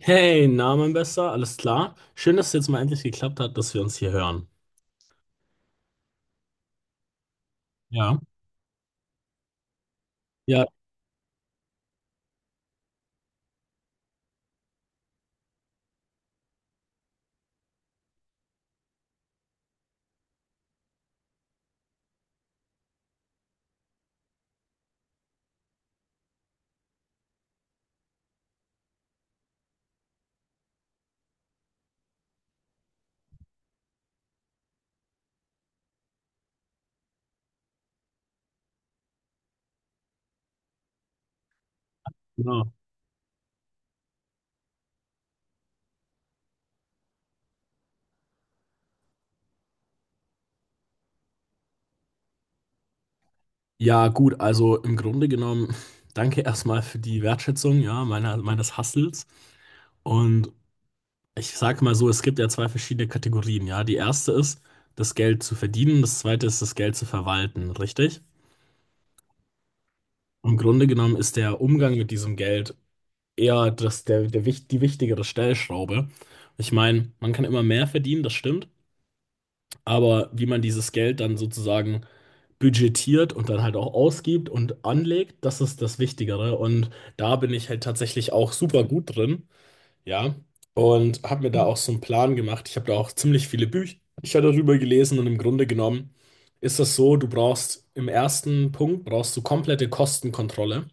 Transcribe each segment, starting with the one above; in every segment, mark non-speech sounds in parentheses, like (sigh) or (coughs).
Hey, na, mein Bester, alles klar? Schön, dass es jetzt mal endlich geklappt hat, dass wir uns hier hören. Ja. Ja, genau. Ja, gut, also im Grunde genommen, (laughs) danke erstmal für die Wertschätzung, ja, meines Hustles. Und ich sage mal so, es gibt ja zwei verschiedene Kategorien, ja. Die erste ist, das Geld zu verdienen, das zweite ist, das Geld zu verwalten, richtig? Im Grunde genommen ist der Umgang mit diesem Geld eher das, die wichtigere Stellschraube. Ich meine, man kann immer mehr verdienen, das stimmt. Aber wie man dieses Geld dann sozusagen budgetiert und dann halt auch ausgibt und anlegt, das ist das Wichtigere. Und da bin ich halt tatsächlich auch super gut drin, ja. Und habe mir da auch so einen Plan gemacht. Ich habe da auch ziemlich viele Bücher darüber gelesen und im Grunde genommen ist das so, du brauchst im ersten Punkt brauchst du komplette Kostenkontrolle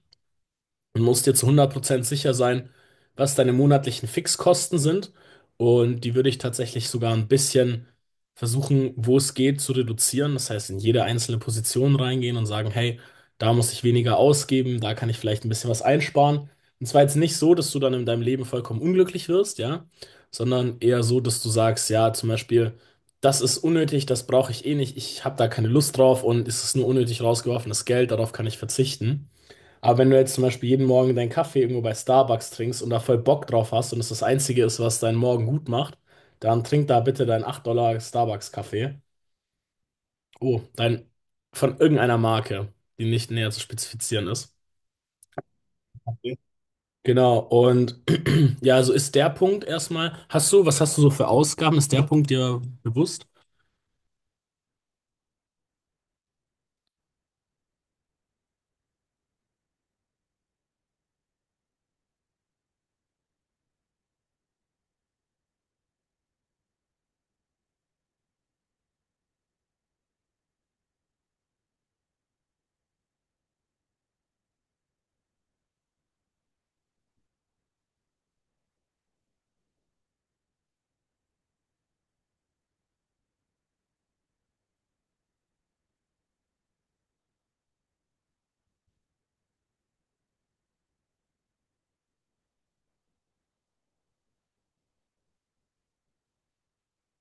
und musst dir zu 100% sicher sein, was deine monatlichen Fixkosten sind. Und die würde ich tatsächlich sogar ein bisschen versuchen, wo es geht, zu reduzieren. Das heißt, in jede einzelne Position reingehen und sagen, hey, da muss ich weniger ausgeben, da kann ich vielleicht ein bisschen was einsparen. Und zwar jetzt nicht so, dass du dann in deinem Leben vollkommen unglücklich wirst, ja, sondern eher so, dass du sagst, ja, zum Beispiel, das ist unnötig, das brauche ich eh nicht, ich habe da keine Lust drauf und es ist nur unnötig rausgeworfenes Geld, darauf kann ich verzichten. Aber wenn du jetzt zum Beispiel jeden Morgen deinen Kaffee irgendwo bei Starbucks trinkst und da voll Bock drauf hast und es das Einzige ist, was deinen Morgen gut macht, dann trink da bitte deinen 8 Dollar Starbucks-Kaffee. Oh, dein von irgendeiner Marke, die nicht näher zu spezifizieren ist. Okay. Genau, und (clears throat) ja, also ist der Punkt erstmal. Hast du, was hast du so für Ausgaben? Ist der Punkt dir bewusst?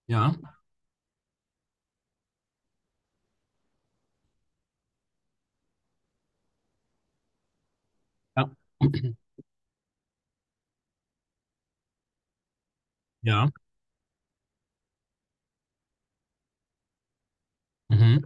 Ja. Ja. (clears throat) Ja. Mhm.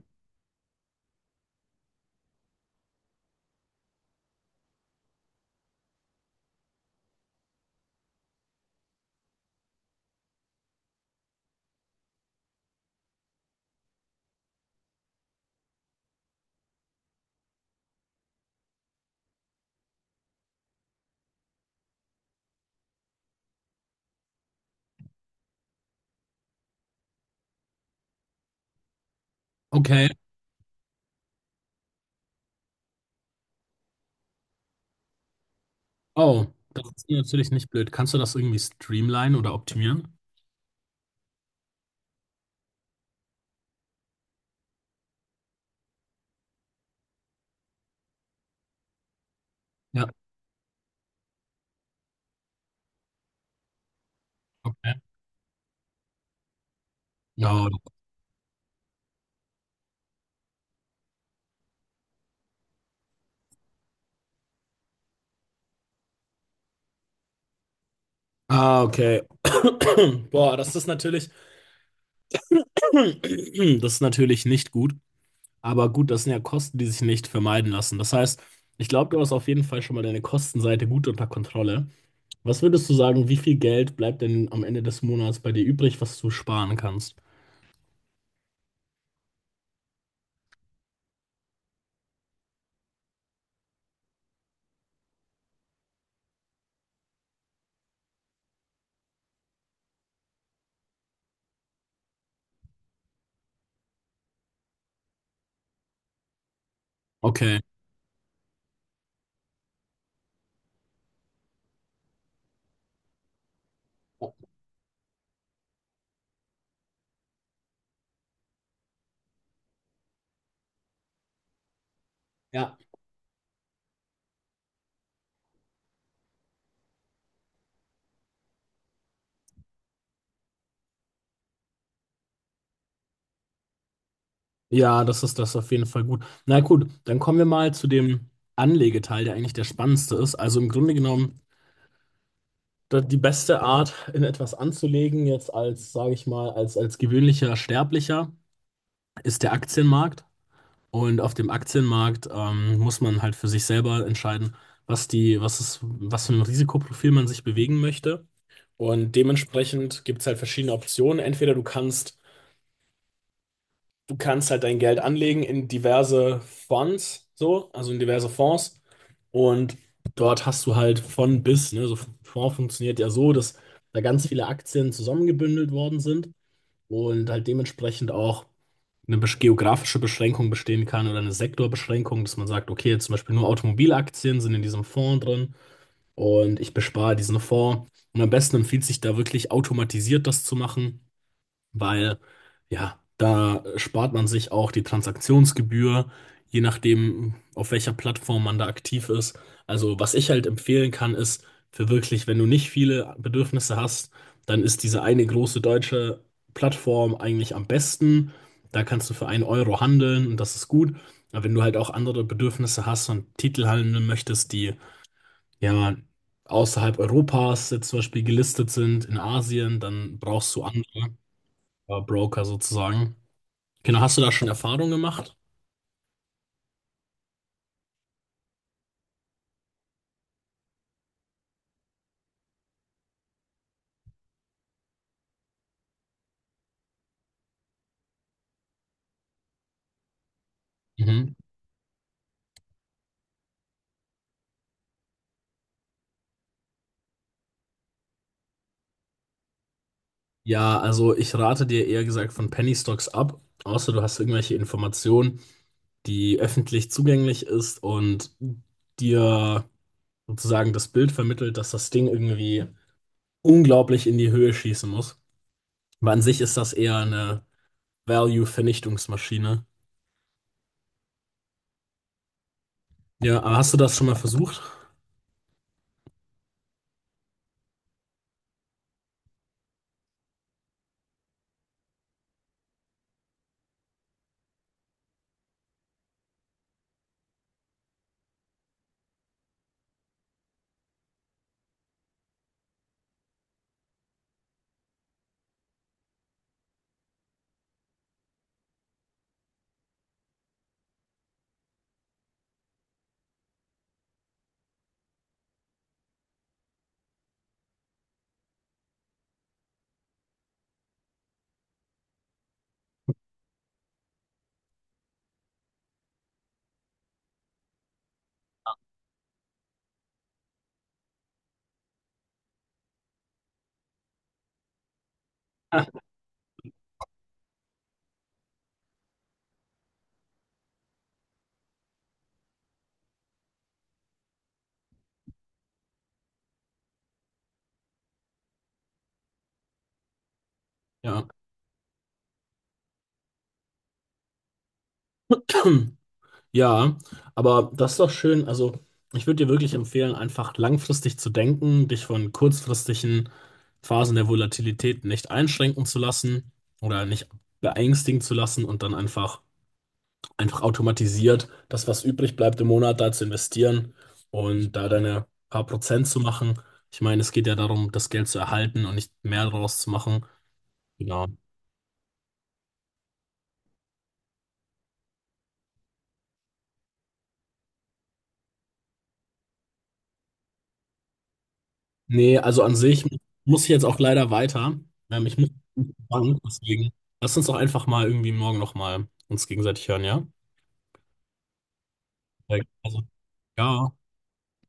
Okay. Oh, das ist natürlich nicht blöd. Kannst du das irgendwie streamlinen oder optimieren? Ja, okay. Ja, Ah, okay. (coughs) Boah, das ist natürlich, (coughs) das ist natürlich nicht gut. Aber gut, das sind ja Kosten, die sich nicht vermeiden lassen. Das heißt, ich glaube, du hast auf jeden Fall schon mal deine Kostenseite gut unter Kontrolle. Was würdest du sagen, wie viel Geld bleibt denn am Ende des Monats bei dir übrig, was du sparen kannst? Okay. Ja. Ja, das ist das auf jeden Fall gut. Na gut, dann kommen wir mal zu dem Anlegeteil, der eigentlich der spannendste ist. Also im Grunde genommen die beste Art, in etwas anzulegen, jetzt als, sage ich mal, als gewöhnlicher Sterblicher, ist der Aktienmarkt. Und auf dem Aktienmarkt muss man halt für sich selber entscheiden, was die, was ist, was für ein Risikoprofil man sich bewegen möchte. Und dementsprechend gibt es halt verschiedene Optionen. Entweder du kannst halt dein Geld anlegen in diverse Fonds, so, also in diverse Fonds. Und dort hast du halt von bis, ne, so Fonds funktioniert ja so, dass da ganz viele Aktien zusammengebündelt worden sind und halt dementsprechend auch eine geografische Beschränkung bestehen kann oder eine Sektorbeschränkung, dass man sagt, okay, jetzt zum Beispiel nur Automobilaktien sind in diesem Fonds drin und ich bespare diesen Fonds. Und am besten empfiehlt sich da wirklich automatisiert das zu machen weil ja, da spart man sich auch die Transaktionsgebühr, je nachdem, auf welcher Plattform man da aktiv ist. Also, was ich halt empfehlen kann, ist für wirklich, wenn du nicht viele Bedürfnisse hast, dann ist diese eine große deutsche Plattform eigentlich am besten. Da kannst du für einen Euro handeln und das ist gut. Aber wenn du halt auch andere Bedürfnisse hast und Titel handeln möchtest, die ja außerhalb Europas jetzt zum Beispiel gelistet sind, in Asien, dann brauchst du andere. Ja, Broker sozusagen. Genau, hast du da schon Erfahrung gemacht? Mhm. Ja, also ich rate dir eher gesagt von Penny Stocks ab, außer du hast irgendwelche Informationen, die öffentlich zugänglich ist und dir sozusagen das Bild vermittelt, dass das Ding irgendwie unglaublich in die Höhe schießen muss. Aber an sich ist das eher eine Value-Vernichtungsmaschine. Ja, aber hast du das schon mal versucht? (laughs) Ja. (clears throat) Ja, aber das ist doch schön. Also, ich würde dir wirklich empfehlen, einfach langfristig zu denken, dich von kurzfristigen Phasen der Volatilität nicht einschränken zu lassen oder nicht beängstigen zu lassen und dann einfach, einfach automatisiert das, was übrig bleibt im Monat, da zu investieren und da deine paar Prozent zu machen. Ich meine, es geht ja darum, das Geld zu erhalten und nicht mehr daraus zu machen. Genau. Nee, also an sich muss ich jetzt auch leider weiter. Ich muss in die Bank, deswegen lass uns doch einfach mal irgendwie morgen nochmal uns gegenseitig hören, ja? Also, ja.